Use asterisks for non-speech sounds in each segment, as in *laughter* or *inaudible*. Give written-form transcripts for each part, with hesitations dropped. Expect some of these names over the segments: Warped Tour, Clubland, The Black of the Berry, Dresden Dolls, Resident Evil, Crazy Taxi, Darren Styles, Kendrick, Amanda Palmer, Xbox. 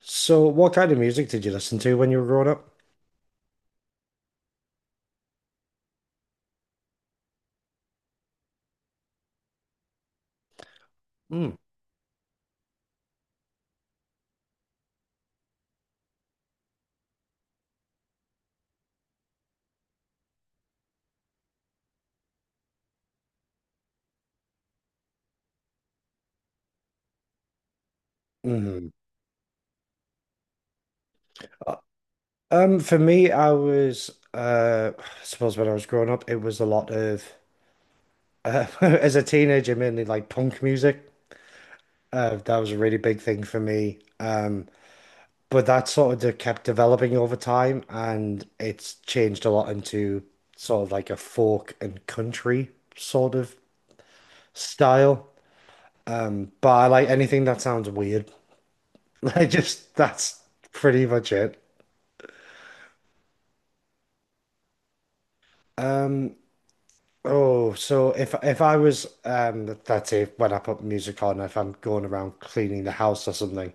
So, what kind of music did you listen to when you were growing up? Mm. Hmm. For me, I was, I suppose when I was growing up, it was a lot of, *laughs* as a teenager, mainly like punk music. That was a really big thing for me. But that sort of de kept developing over time, and it's changed a lot into sort of like a folk and country sort of style. But I like anything that sounds weird. *laughs* Like just that's pretty much it. Oh, so if I was that's it, when I put music on, if I'm going around cleaning the house or something,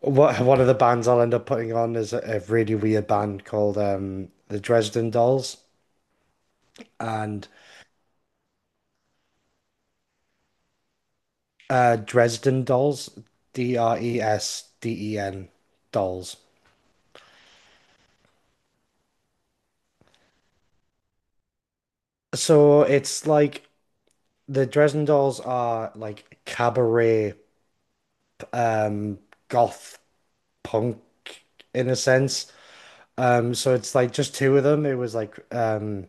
what one of the bands I'll end up putting on is a really weird band called the Dresden Dolls and Dresden Dolls, Dresden Dolls. So it's like the Dresden Dolls are like cabaret um goth punk in a sense. So it's like just two of them. It was like um,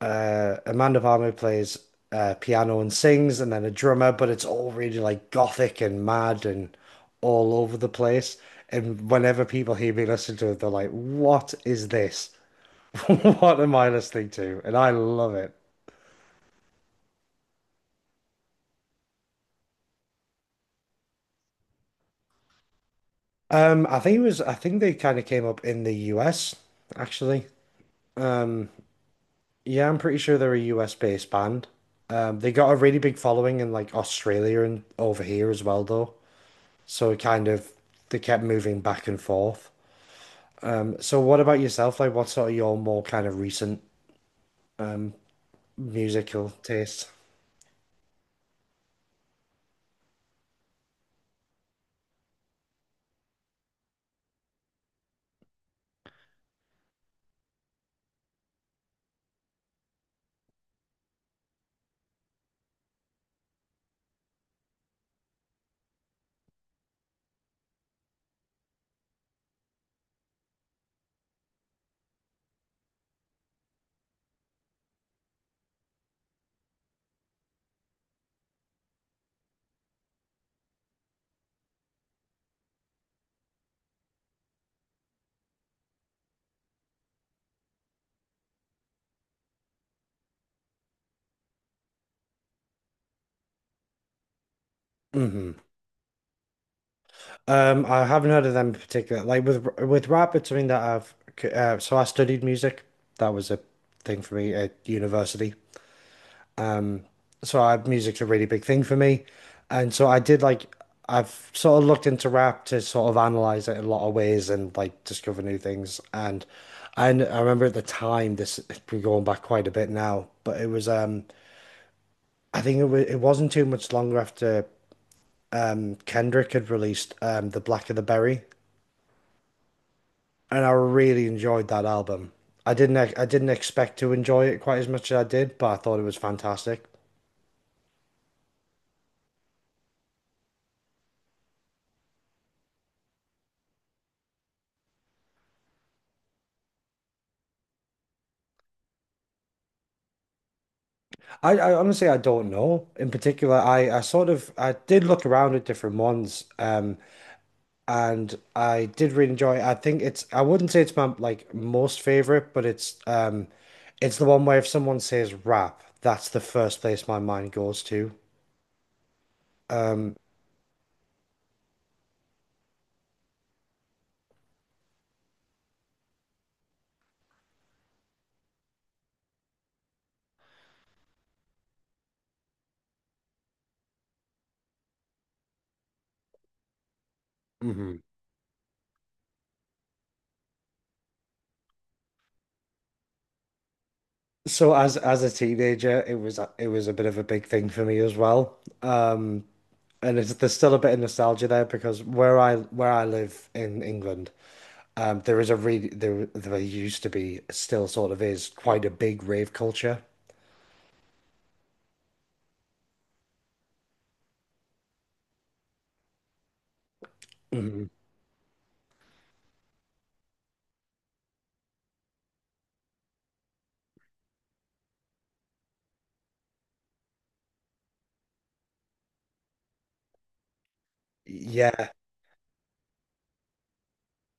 uh, Amanda Palmer plays piano and sings, and then a drummer, but it's all really like gothic and mad and all over the place. And whenever people hear me listen to it, they're like, "What is this? *laughs* What am I listening to?" And I love it. I think it was. I think they kind of came up in the US, actually. Yeah, I'm pretty sure they're a US based band. They got a really big following in like Australia and over here as well, though. So it kind of they kept moving back and forth. So what about yourself? Like, what's sort of your more kind of recent musical taste? Hmm. I haven't heard of them in particular. Like with rap, it's something that I've so I studied music. That was a thing for me at university. So music's a really big thing for me. And so I did like I've sort of looked into rap to sort of analyze it in a lot of ways and like discover new things. And I remember at the time, this we're going back quite a bit now, but it was I think it wasn't too much longer after Kendrick had released The Black of the Berry, and I really enjoyed that album. I didn't expect to enjoy it quite as much as I did, but I thought it was fantastic. I honestly, I don't know. In particular, I sort of I did look around at different ones, and I did really enjoy it. I wouldn't say it's my like most favorite, but it's the one where if someone says rap, that's the first place my mind goes to. Hmm. So as a teenager, it was a bit of a big thing for me as well. And there's still a bit of nostalgia there because where I live in England. There is a really there There used to be still sort of is quite a big rave culture. Hmm. Yeah,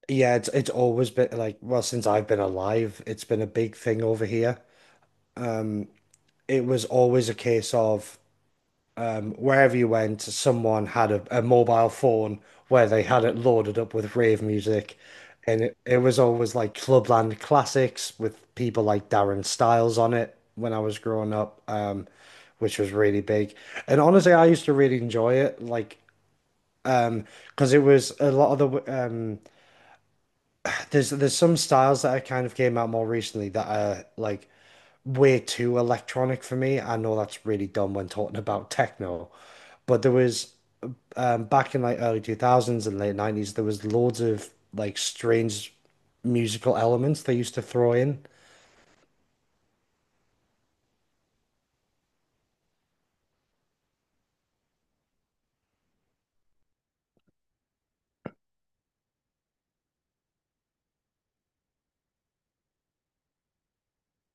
yeah, it's always been like, well, since I've been alive, it's been a big thing over here. It was always a case of, wherever you went, someone had a mobile phone where they had it loaded up with rave music. And it was always like Clubland classics with people like Darren Styles on it when I was growing up, which was really big. And honestly, I used to really enjoy it, like um, because it was a lot of the there's some styles that I kind of came out more recently that are like way too electronic for me. I know that's really dumb when talking about techno, but there was back in like early 2000s and late 90s, there was loads of like strange musical elements they used to throw in.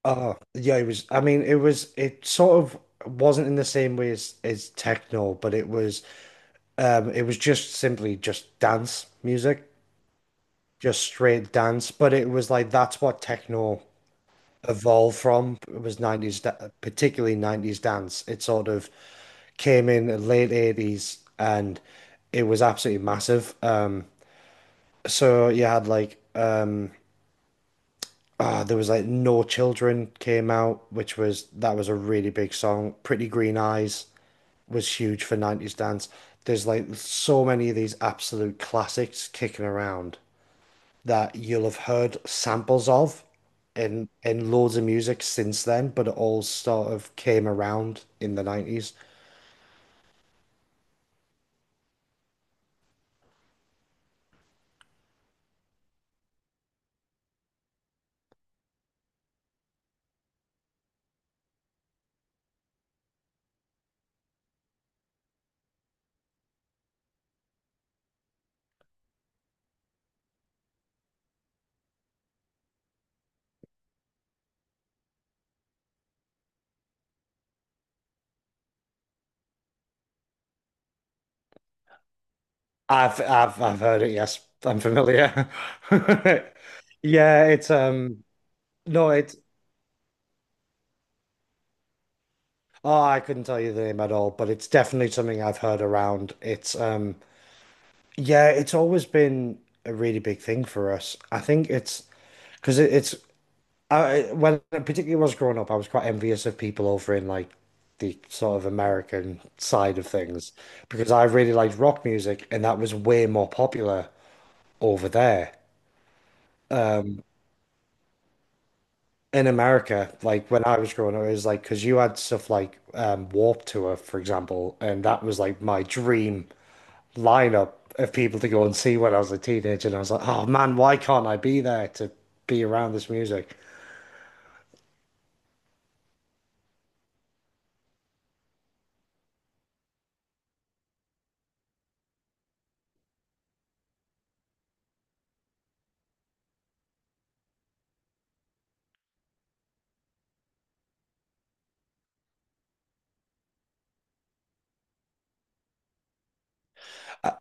Oh, yeah, it was. I mean, it was. It sort of wasn't in the same way as techno, but it was. It was just simply just dance music, just straight dance. But it was like that's what techno evolved from was 90s, particularly 90s dance. It sort of came in the late 80s and it was absolutely massive. So you had like, there was like No Children came out, that was a really big song. Pretty Green Eyes was huge for 90s dance. There's like so many of these absolute classics kicking around, that you'll have heard samples of in loads of music since then, but it all sort of came around in the 90s. I've heard it, yes. I'm familiar. *laughs* Yeah, it's no, it's oh, I couldn't tell you the name at all, but it's definitely something I've heard around. It's Yeah, it's always been a really big thing for us. I think it's because it's I when particularly when I was growing up, I was quite envious of people over in like the sort of American side of things because I really liked rock music and that was way more popular over there. In America, like when I was growing up, it was like because you had stuff like Warped Tour, for example, and that was like my dream lineup of people to go and see when I was a teenager. And I was like, oh man, why can't I be there to be around this music? I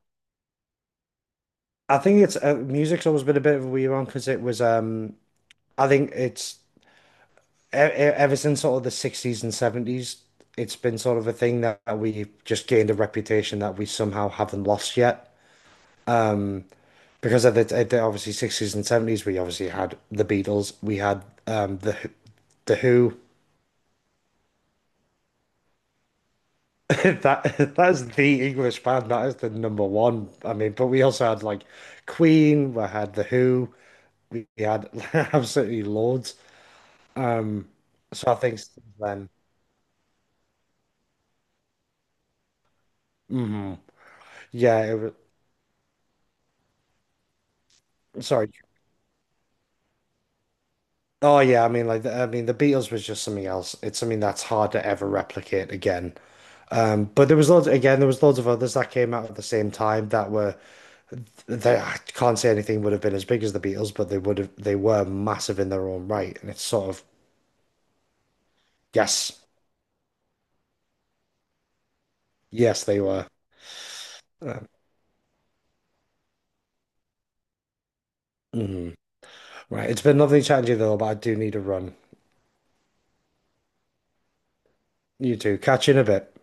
I think it's music's always been a bit of a weird one because it was I think it's e- e- ever since sort of the 60s and 70s, it's been sort of a thing that we've just gained a reputation that we somehow haven't lost yet. Um, because at the obviously 60s and 70s, we obviously had the Beatles, we had the Who- the Who. *laughs* That's the English band. That is the number one. I mean, but we also had like Queen. We had the Who. We had *laughs* absolutely loads. Um, so I think since then, hmm, yeah. It was, sorry. Oh yeah, I mean like I mean the Beatles was just something else. It's something that's hard to ever replicate again. But there was loads again, there was loads of others that came out at the same time that were they I can't say anything would have been as big as the Beatles, but they would have they were massive in their own right. And it's sort of yes, yes they were. Um, mhm. Right, it's been lovely chatting to you though, but I do need a run. You too. Catch you in a bit.